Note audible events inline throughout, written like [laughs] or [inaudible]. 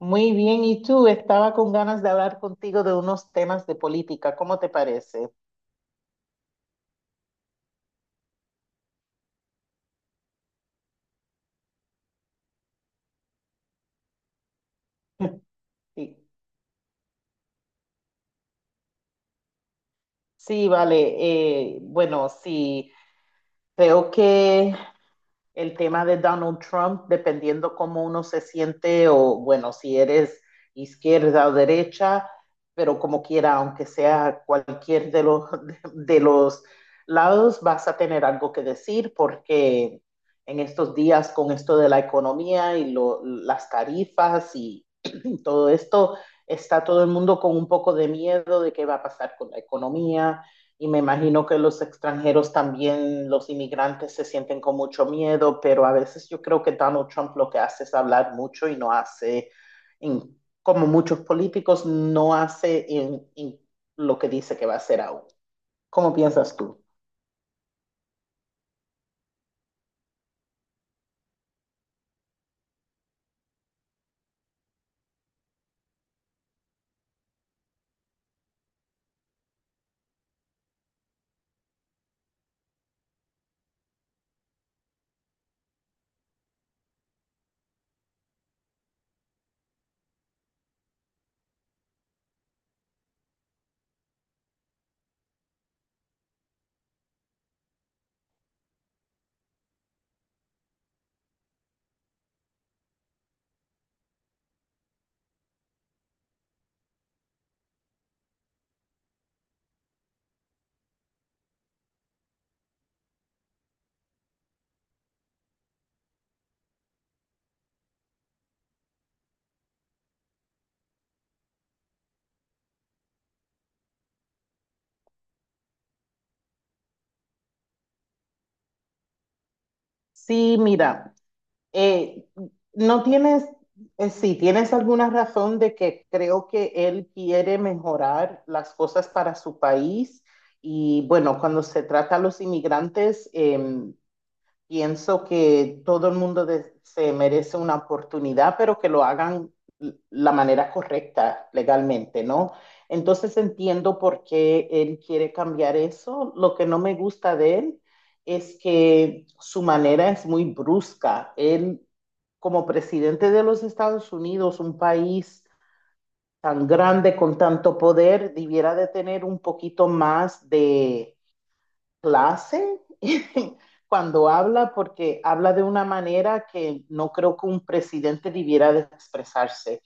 Muy bien, y tú, estaba con ganas de hablar contigo de unos temas de política, ¿cómo te parece? [laughs] Sí, sí, vale, bueno, sí, creo que el tema de Donald Trump, dependiendo cómo uno se siente o, bueno, si eres izquierda o derecha, pero como quiera, aunque sea cualquier de los, [laughs] de los lados, vas a tener algo que decir porque en estos días con esto de la economía y lo, las tarifas y [clears throat] todo esto, está todo el mundo con un poco de miedo de qué va a pasar con la economía, y me imagino que los extranjeros también, los inmigrantes se sienten con mucho miedo, pero a veces yo creo que Donald Trump lo que hace es hablar mucho y no hace, en- como muchos políticos, no hace en lo que dice que va a hacer aún. ¿Cómo piensas tú? Sí, mira, eh, no tienes, sí, tienes alguna razón de que creo que él quiere mejorar las cosas para su país. Y bueno, cuando se trata a los inmigrantes, pienso que todo el mundo se merece una oportunidad, pero que lo hagan la manera correcta legalmente, ¿no? Entonces entiendo por qué él quiere cambiar eso. Lo que no me gusta de él es que su manera es muy brusca. Él, como presidente de los Estados Unidos, un país tan grande con tanto poder, debiera de tener un poquito más de clase [laughs] cuando habla porque habla de una manera que no creo que un presidente debiera de expresarse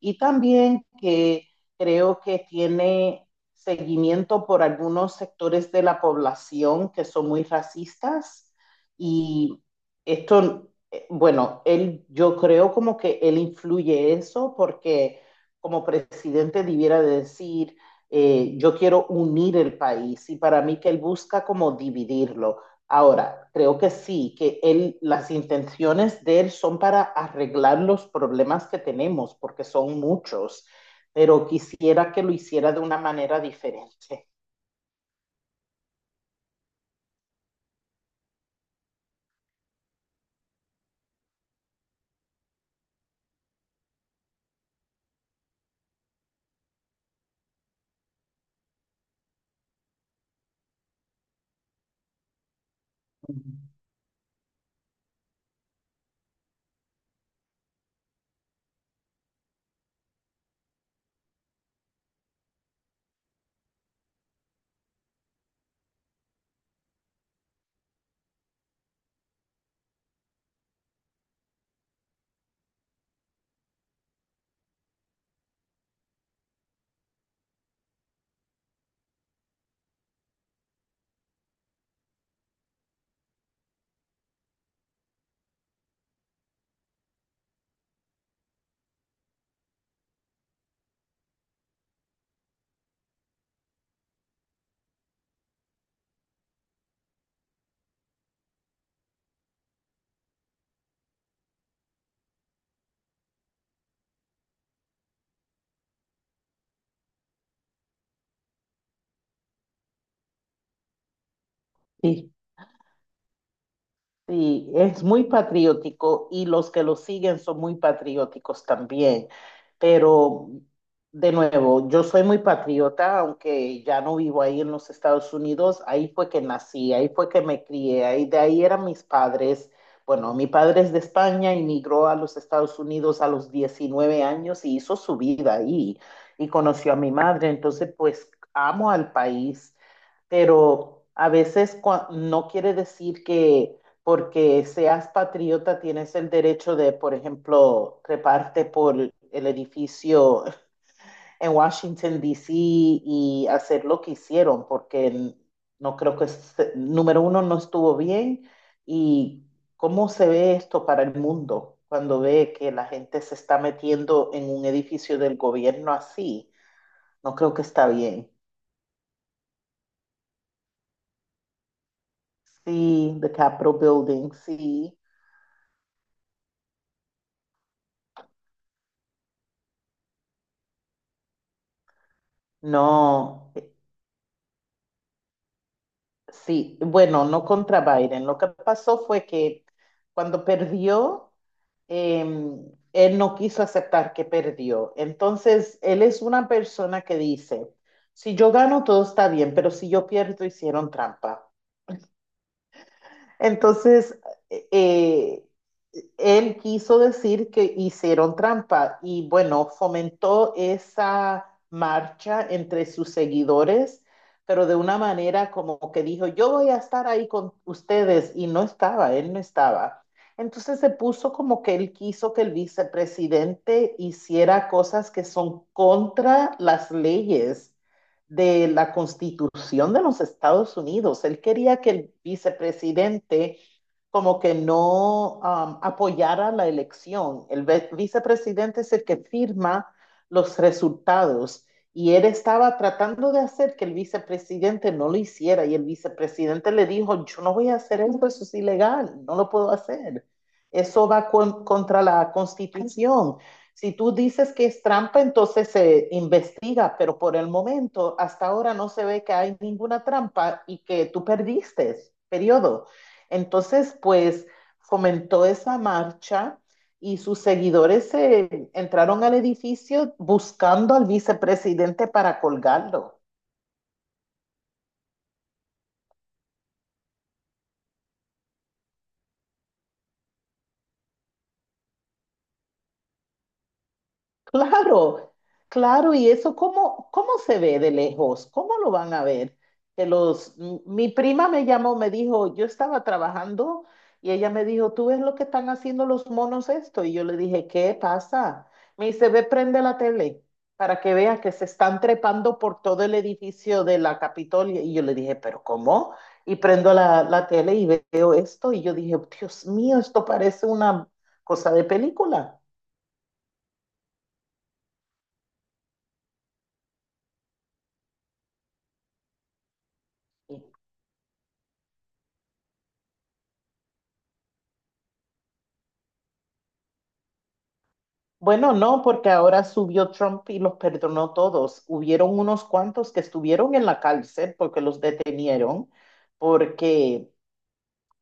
y también que creo que tiene seguimiento por algunos sectores de la población que son muy racistas y esto, bueno, él, yo creo como que él influye eso porque como presidente debiera decir, yo quiero unir el país y para mí que él busca como dividirlo. Ahora, creo que sí, que él, las intenciones de él son para arreglar los problemas que tenemos, porque son muchos, pero quisiera que lo hiciera de una manera diferente. Sí, sí, es muy patriótico y los que lo siguen son muy patrióticos también. Pero, de nuevo, yo soy muy patriota, aunque ya no vivo ahí en los Estados Unidos. Ahí fue que nací, ahí fue que me crié, ahí de ahí eran mis padres. Bueno, mi padre es de España, emigró a los Estados Unidos a los 19 años y hizo su vida ahí y conoció a mi madre. Entonces, pues amo al país, pero a veces no quiere decir que porque seas patriota tienes el derecho de, por ejemplo, treparte por el edificio en Washington, D. C. y hacer lo que hicieron, porque no creo que, número uno, no estuvo bien y cómo se ve esto para el mundo cuando ve que la gente se está metiendo en un edificio del gobierno así. No creo que está bien. Sí, the Capitol Building, sí. No, sí, bueno, no contra Biden. Lo que pasó fue que cuando perdió, eh, él no quiso aceptar que perdió. Entonces, él es una persona que dice, si yo gano, todo está bien, pero si yo pierdo, hicieron trampa. Entonces, eh, él quiso decir que hicieron trampa y bueno, fomentó esa marcha entre sus seguidores, pero de una manera como que dijo, yo voy a estar ahí con ustedes y no estaba, él no estaba. Entonces se puso como que él quiso que el vicepresidente hiciera cosas que son contra las leyes de la Constitución de los Estados Unidos. Él quería que el vicepresidente como que no apoyara la elección. El vicepresidente es el que firma los resultados y él estaba tratando de hacer que el vicepresidente no lo hiciera y el vicepresidente le dijo, yo no voy a hacer eso, eso es ilegal, no lo puedo hacer. Eso va con, contra la constitución. Si tú dices que es trampa, entonces se investiga, pero por el momento, hasta ahora no se ve que hay ninguna trampa y que tú perdiste, periodo. Entonces, pues fomentó esa marcha y sus seguidores se entraron al edificio buscando al vicepresidente para colgarlo. Claro, claro, y eso, ¿cómo, cómo se ve de lejos? ¿Cómo lo van a ver? Que los, mi prima me llamó, me dijo, yo estaba trabajando y ella me dijo, ¿tú ves lo que están haciendo los monos esto? Y yo le dije, ¿qué pasa? Me dice, ve, prende la tele para que veas que se están trepando por todo el edificio de la Capitolia. Y yo le dije, ¿pero cómo? Y prendo la, la tele y veo esto y yo dije, Dios mío, esto parece una cosa de película. Bueno, no, porque ahora subió Trump y los perdonó todos. Hubieron unos cuantos que estuvieron en la cárcel porque los detenieron, porque,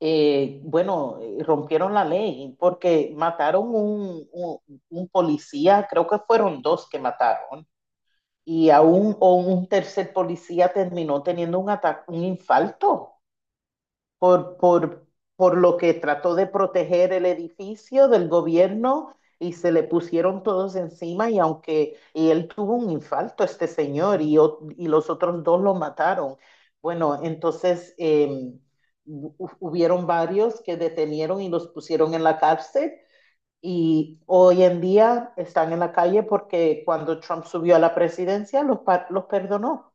bueno, rompieron la ley, porque mataron un, un policía, creo que fueron dos que mataron, y aún un, o un tercer policía terminó teniendo un ataque, un infarto por, por, por lo que trató de proteger el edificio del gobierno y se le pusieron todos encima y aunque y él tuvo un infarto, este señor, y, y los otros dos lo mataron. Bueno, entonces hubieron varios que detenieron y los pusieron en la cárcel y hoy en día están en la calle porque cuando Trump subió a la presidencia los, los perdonó.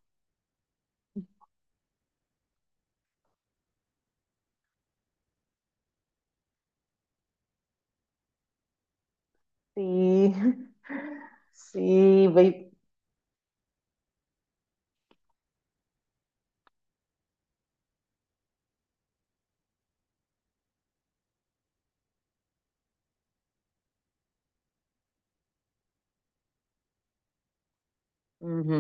Sí, [laughs] sí, ve- ujú.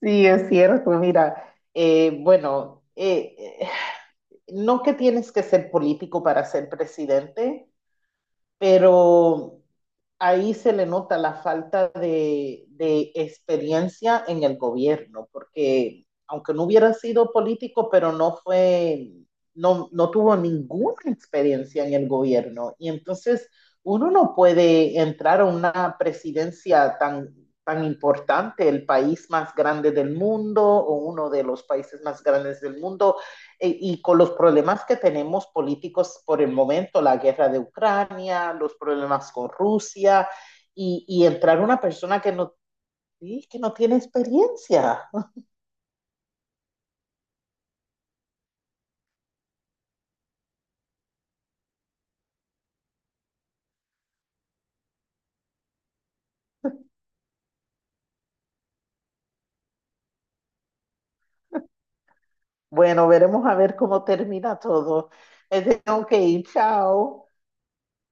Sí, es cierto, mira, bueno, no que tienes que ser político para ser presidente, pero ahí se le nota la falta de experiencia en el gobierno, porque aunque no hubiera sido político, pero no fue, no, no tuvo ninguna experiencia en el gobierno. Y entonces uno no puede entrar a una presidencia tan, tan importante, el país más grande del mundo o uno de los países más grandes del mundo, y con los problemas que tenemos políticos por el momento, la guerra de Ucrania, los problemas con Rusia, y entrar una persona que no tiene experiencia. [laughs] Bueno, veremos a ver cómo termina todo. Es de, ok, chao.